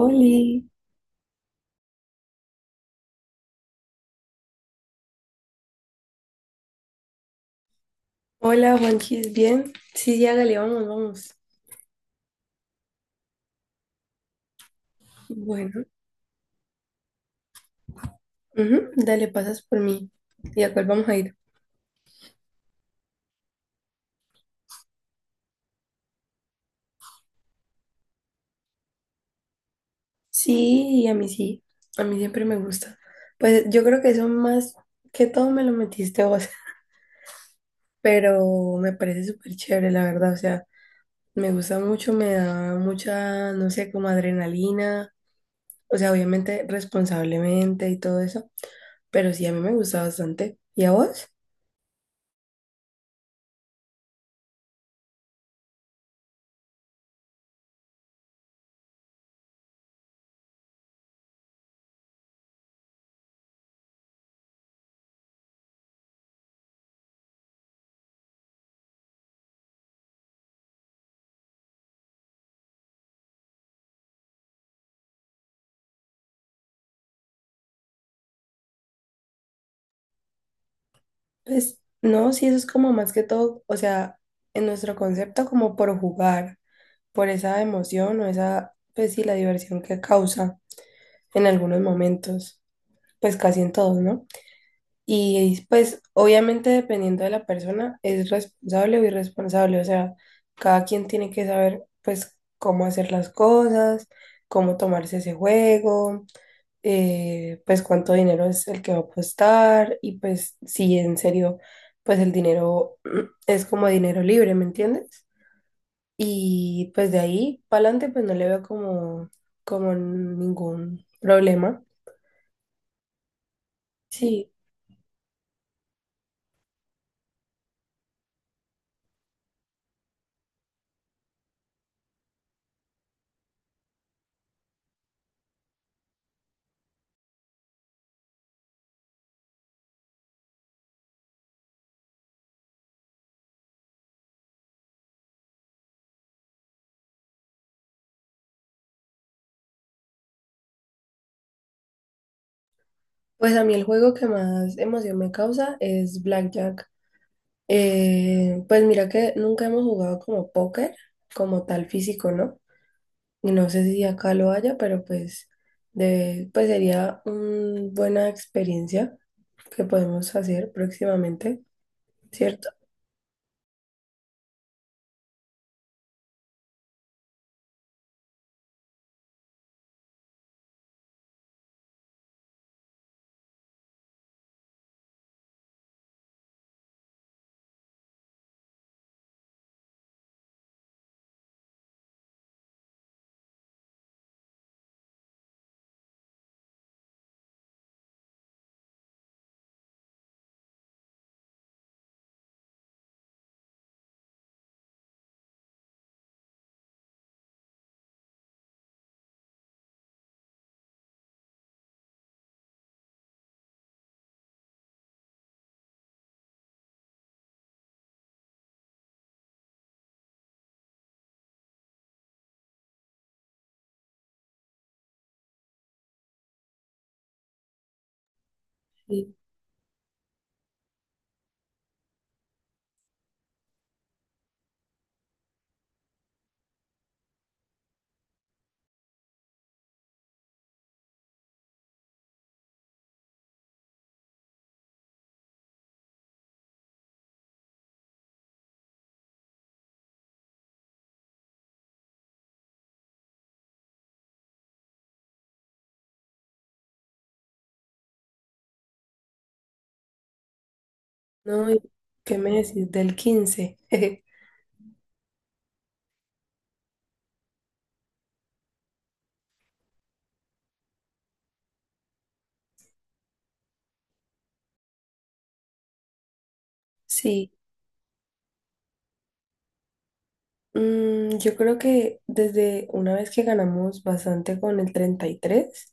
Oli. Hola, Juanchis, ¿bien? Sí, ya, dale, vamos, vamos. Bueno, ujú, dale, pasas por mí. ¿Y a cuál vamos a ir? Sí. A mí siempre me gusta. Pues yo creo que eso más que todo me lo metiste vos, pero me parece súper chévere, la verdad. O sea, me gusta mucho, me da mucha, no sé, como adrenalina. O sea, obviamente responsablemente y todo eso, pero sí, a mí me gusta bastante. ¿Y a vos? Pues no, sí, eso es como más que todo, o sea, en nuestro concepto como por jugar, por esa emoción o esa, pues sí, la diversión que causa en algunos momentos, pues casi en todos, ¿no? Y pues obviamente dependiendo de la persona es responsable o irresponsable, o sea, cada quien tiene que saber pues cómo hacer las cosas, cómo tomarse ese juego, pues cuánto dinero es el que va a apostar y pues si en serio, pues el dinero es como dinero libre, ¿me entiendes? Y pues de ahí para adelante pues no le veo como ningún problema. Sí, pues a mí el juego que más emoción me causa es Blackjack. Pues mira que nunca hemos jugado como póker, como tal físico, ¿no? No sé si acá lo haya, pero pues, pues sería una buena experiencia que podemos hacer próximamente, ¿cierto? Y, no, ¿qué me decís del 15? Sí, yo creo que desde una vez que ganamos bastante con el 33,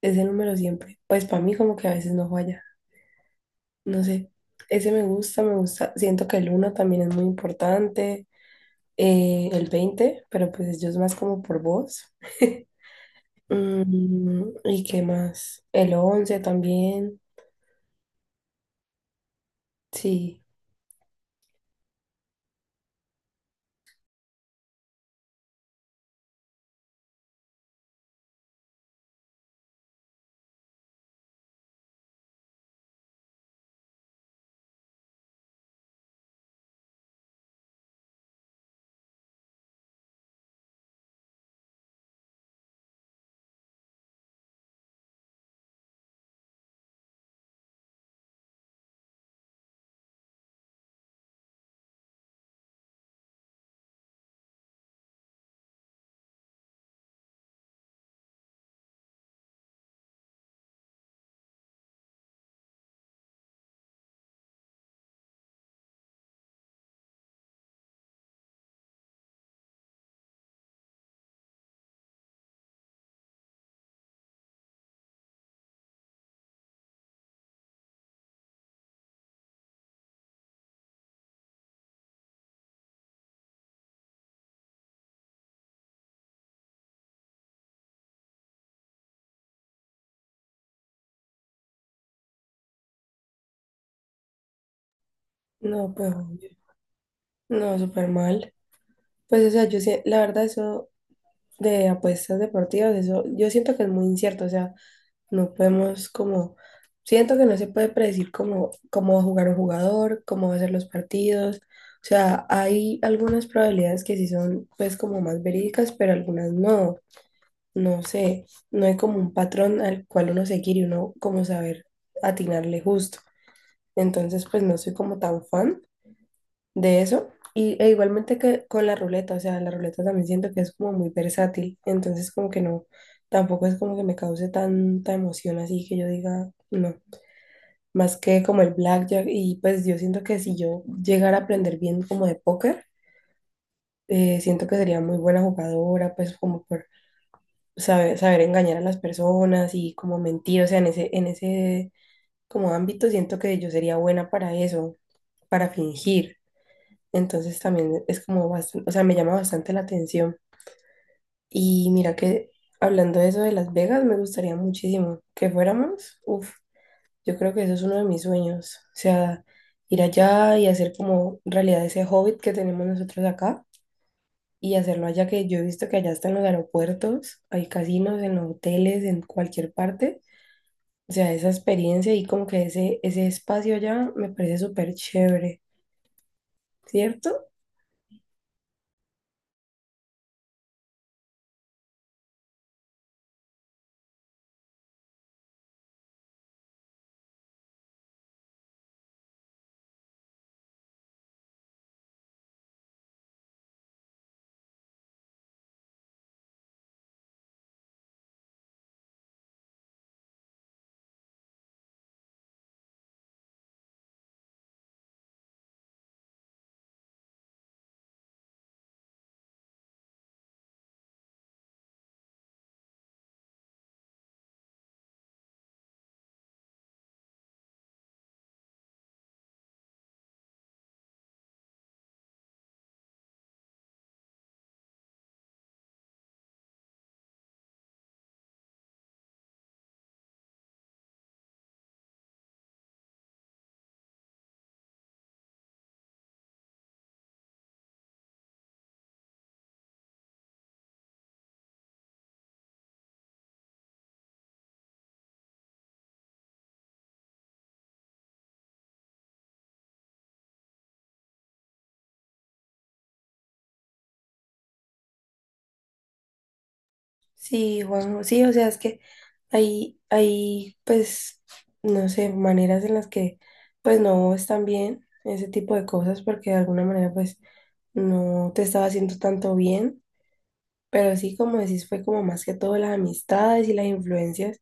ese número siempre, pues para mí como que a veces no falla, no sé, ese me gusta, siento que el uno también es muy importante, el 20, pero pues yo es más como por voz. ¿Y qué más? El 11 también. Sí, no, pues obvio. No, súper mal. Pues o sea, la verdad eso de apuestas deportivas, eso yo siento que es muy incierto, o sea, no podemos como, siento que no se puede predecir cómo va a jugar un jugador, cómo va a ser los partidos. O sea, hay algunas probabilidades que sí son pues como más verídicas, pero algunas no. No sé, no hay como un patrón al cual uno seguir y uno como saber atinarle justo. Entonces, pues no soy como tan fan de eso. Y igualmente que con la ruleta, o sea, la ruleta también siento que es como muy versátil. Entonces, como que no, tampoco es como que me cause tanta emoción así que yo diga, no. Más que como el blackjack. Y pues yo siento que si yo llegara a aprender bien como de póker, siento que sería muy buena jugadora, pues como por saber engañar a las personas y como mentir. O sea, en ese como ámbito siento que yo sería buena para eso, para fingir. Entonces también es como bastante, o sea, me llama bastante la atención. Y mira que hablando de eso de Las Vegas, me gustaría muchísimo que fuéramos. Uf, yo creo que eso es uno de mis sueños. O sea, ir allá y hacer como realidad ese hobbit que tenemos nosotros acá y hacerlo allá, que yo he visto que allá están los aeropuertos, hay casinos, en los hoteles, en cualquier parte. O sea, esa experiencia y como que ese espacio allá me parece súper chévere, ¿cierto? Sí, Juan, sí, o sea, es que hay, pues, no sé, maneras en las que, pues, no están bien ese tipo de cosas, porque de alguna manera, pues, no te estaba haciendo tanto bien, pero sí, como decís, fue como más que todo las amistades y las influencias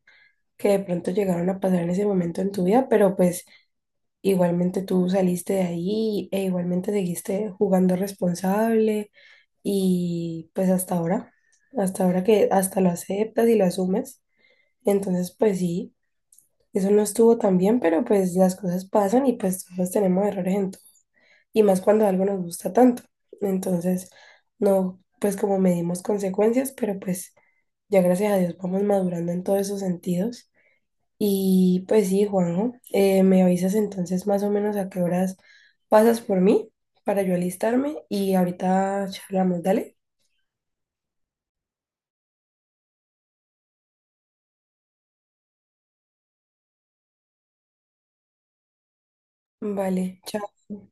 que de pronto llegaron a pasar en ese momento en tu vida, pero pues, igualmente tú saliste de ahí e igualmente seguiste jugando responsable y, pues, hasta ahora que hasta lo aceptas y lo asumes. Entonces, pues sí, eso no estuvo tan bien, pero pues las cosas pasan y pues todos tenemos errores en todo. Y más cuando algo nos gusta tanto. Entonces, no, pues como medimos consecuencias, pero pues ya gracias a Dios vamos madurando en todos esos sentidos. Y pues sí, Juanjo, me avisas entonces más o menos a qué horas pasas por mí para yo alistarme y ahorita charlamos, dale. Vale, chao.